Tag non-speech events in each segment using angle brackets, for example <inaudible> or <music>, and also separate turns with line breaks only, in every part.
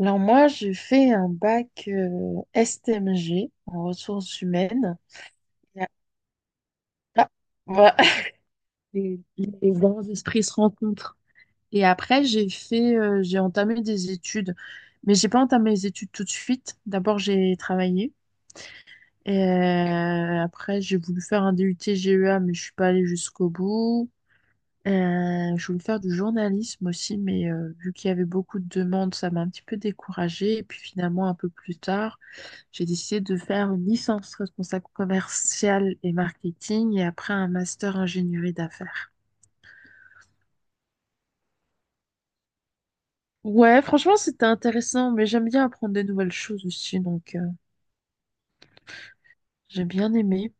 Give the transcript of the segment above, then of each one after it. Alors moi, j'ai fait un bac STMG en ressources humaines. Et ah, voilà. <laughs> Les grands esprits se rencontrent. Et après, j'ai entamé des études, mais j'ai pas entamé les études tout de suite. D'abord, j'ai travaillé. Et après, j'ai voulu faire un DUT GEA, mais je suis pas allée jusqu'au bout. Je voulais faire du journalisme aussi, mais vu qu'il y avait beaucoup de demandes, ça m'a un petit peu découragée. Et puis finalement, un peu plus tard. J'ai décidé de faire une licence responsable commerciale et marketing et après un master ingénierie d'affaires. Ouais, franchement, c'était intéressant, mais j'aime bien apprendre de nouvelles choses aussi, donc j'ai bien aimé.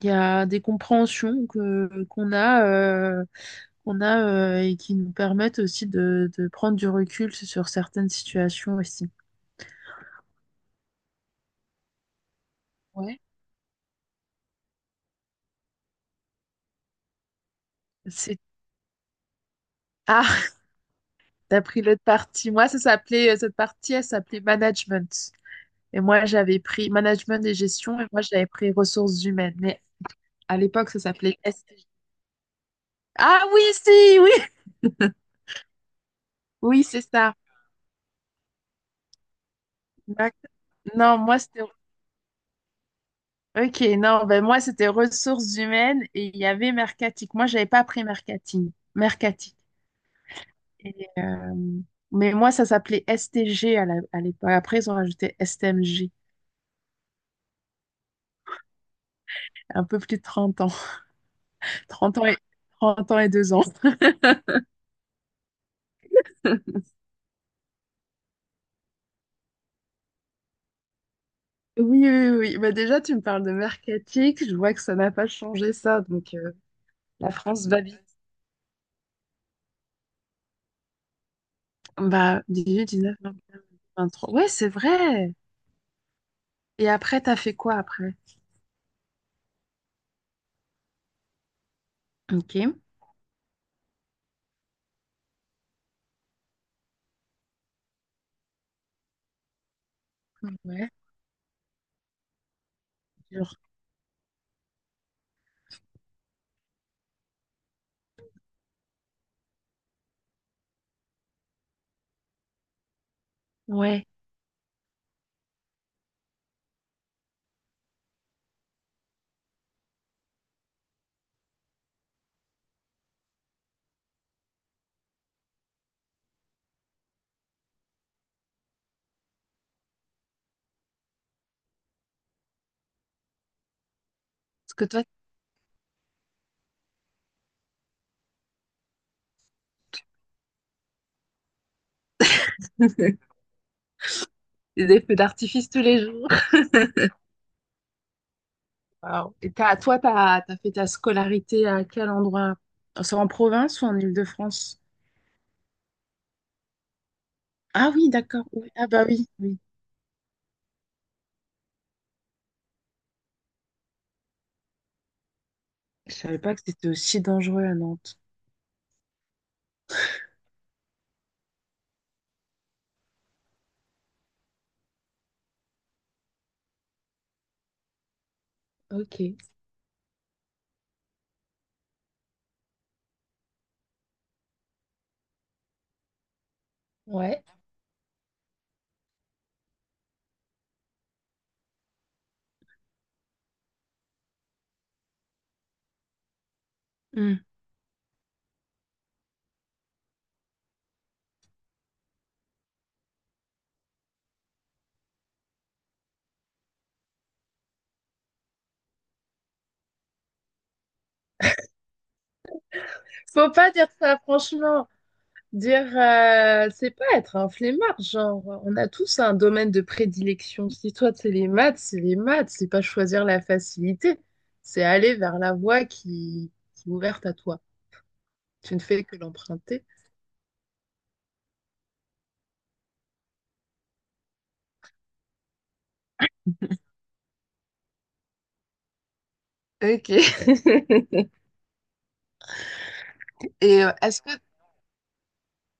Il y a des compréhensions qu'on a, et qui nous permettent aussi de prendre du recul sur certaines situations aussi. Ouais. C'est... Ah, <laughs> t'as pris l'autre partie. Moi, cette partie, elle s'appelait management. Et moi, j'avais pris management et gestion, et moi, j'avais pris ressources humaines. Mais à l'époque, ça s'appelait STG. Ah oui, si, oui, <laughs> oui, c'est ça. D'ac- Non, moi, c'était... Ok, non, ben moi, c'était ressources humaines et il y avait mercatique. Moi, j'avais pas pris mercating, mercatique. Et, euh, Mais moi, ça s'appelait STG à l'époque. Après, ils ont rajouté STMG. Un peu plus de 30 ans. <laughs> 30 ans et, 30 ans et 2 ans. <laughs> Oui, oui, oui, oui. Bah déjà, tu me parles de mercatique. Je vois que ça n'a pas changé ça. Donc, la France va vite. Bah, 18, 19, 20, 23. Ouais, c'est vrai. Et après, t'as fait quoi après? Ok. Ouais. Genre, ouais. Parce que toi, <laughs> t'as des feux d'artifice tous les jours. Waouh. Et toi, t'as fait ta scolarité à quel endroit? C'est en province ou en Île-de-France? Ah oui, d'accord. Oui. Ah bah oui, oui. Je savais pas que c'était aussi dangereux à Nantes. Ok. Ouais. Faut pas dire ça, franchement. Dire, c'est pas être un flemmard, genre, on a tous un domaine de prédilection. Si toi, c'est les maths, c'est les maths, c'est pas choisir la facilité, c'est aller vers la voie qui est ouverte à toi. Tu ne fais que l'emprunter. Ok. <laughs> Et est-ce que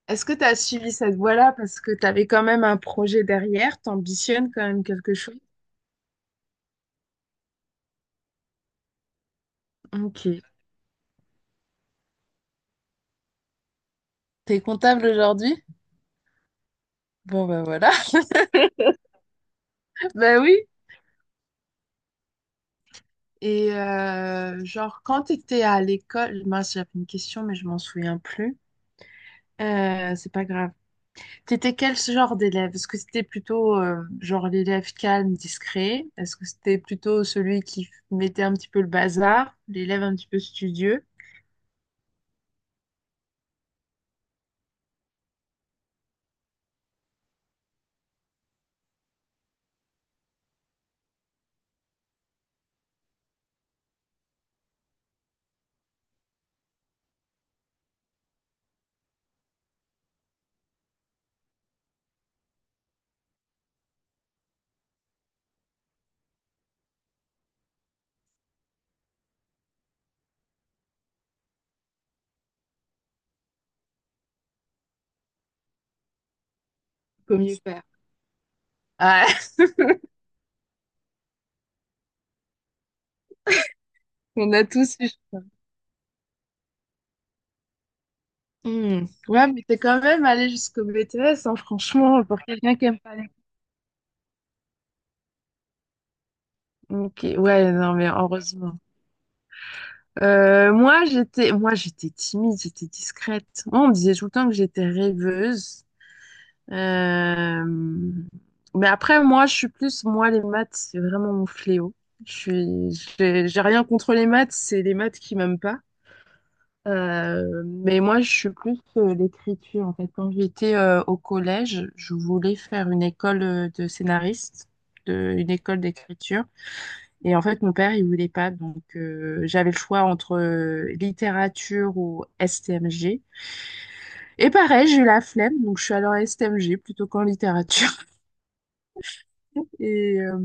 est-ce que tu as suivi cette voie-là parce que tu avais quand même un projet derrière, t'ambitionnes quand même quelque chose? Ok. T'es comptable aujourd'hui? Bon ben voilà. <laughs> Ben oui, et genre, quand tu étais à l'école, moi j'avais une question, mais je m'en souviens plus. C'est pas grave. T'étais quel genre d'élève? Est-ce que c'était plutôt genre l'élève calme, discret? Est-ce que c'était plutôt celui qui mettait un petit peu le bazar, l'élève un petit peu studieux? Comme une paire. Ah, <laughs> on a tous eu, je crois. Hmm. Ouais, mais t'es quand même allé jusqu'au BTS, hein, franchement, pour quelqu'un qui aime. Ok, ouais, non, mais heureusement. Moi, j'étais timide, j'étais discrète. Moi, on me disait tout le temps que j'étais rêveuse. Euh, Mais après, moi, les maths, c'est vraiment mon fléau. Je suis. J'ai rien contre les maths, c'est les maths qui m'aiment pas. Mais moi, je suis plus l'écriture. En fait, quand j'étais au collège, je voulais faire une école de scénariste, une école d'écriture. Et en fait, mon père, il voulait pas. Donc, j'avais le choix entre littérature ou STMG. Et pareil, j'ai eu la flemme, donc je suis allée en STMG plutôt qu'en littérature. <laughs> Et, euh,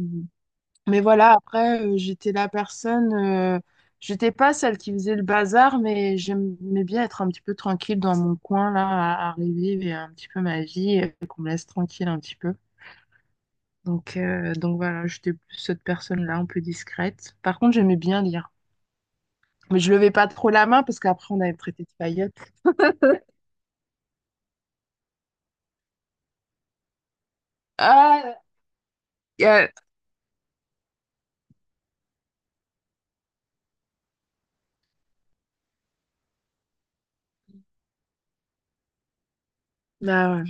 mais voilà, après, j'étais la personne, j'étais pas celle qui faisait le bazar, mais j'aimais bien être un petit peu tranquille dans mon coin, là, à revivre et un petit peu ma vie, et qu'on me laisse tranquille un petit peu. Donc voilà, j'étais plus cette personne-là, un peu discrète. Par contre, j'aimais bien lire. Mais je levais pas trop la main parce qu'après on allait me traiter de paillotte. Ah, euh, bah ouais.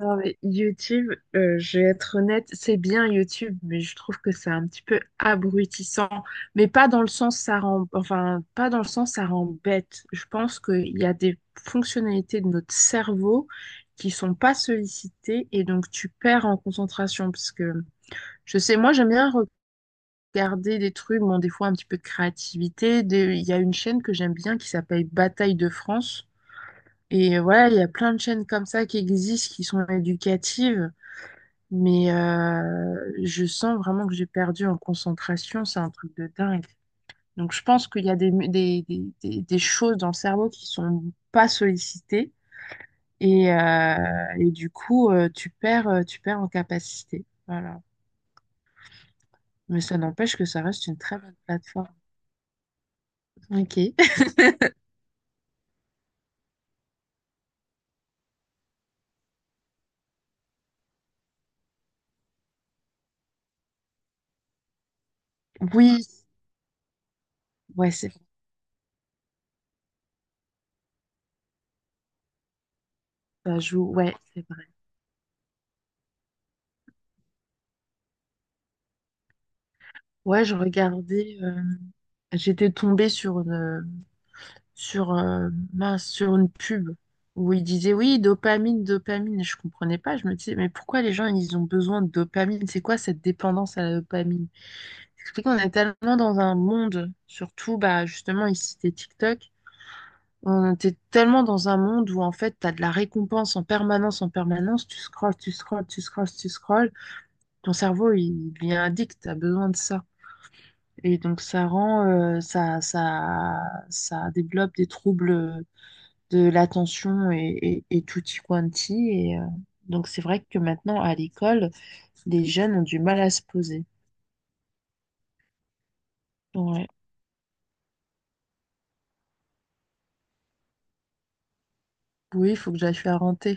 Non, mais YouTube, je vais être honnête, c'est bien YouTube, mais je trouve que c'est un petit peu abrutissant. Mais pas dans le sens ça rend, enfin pas dans le sens ça rend bête. Je pense qu'il y a des fonctionnalités de notre cerveau qui sont pas sollicitées et donc tu perds en concentration parce que je sais, moi j'aime bien regarder des trucs, bon, des fois un petit peu de créativité. Il y a une chaîne que j'aime bien qui s'appelle Bataille de France. Et voilà, il y a plein de chaînes comme ça qui existent, qui sont éducatives. Mais je sens vraiment que j'ai perdu en concentration. C'est un truc de dingue. Donc je pense qu'il y a des choses dans le cerveau qui sont pas sollicitées. Et, euh, et du coup, tu perds en capacité. Voilà. Mais ça n'empêche que ça reste une très bonne plateforme. Ok. <laughs> Oui. Ouais, c'est ça joue. Ouais, c'est vrai. Ouais, je regardais. J'étais tombée sur une pub où ils disaient oui, dopamine, dopamine. Et je comprenais pas. Je me disais mais pourquoi les gens ils ont besoin de dopamine? C'est quoi cette dépendance à la dopamine? C'est qu'on est tellement dans un monde, surtout bah justement ici c'était TikTok. On était tellement dans un monde où en fait t'as de la récompense en permanence, en permanence. Tu scrolles, tu scrolles, tu scrolles, tu scrolles. Ton cerveau il est addict. T'as besoin de ça. Et donc ça rend, ça, ça, ça développe des troubles de l'attention et tutti quanti. Donc c'est vrai que maintenant à l'école, les jeunes ont du mal à se poser. Ouais. Oui, il faut que j'aille faire rentrer.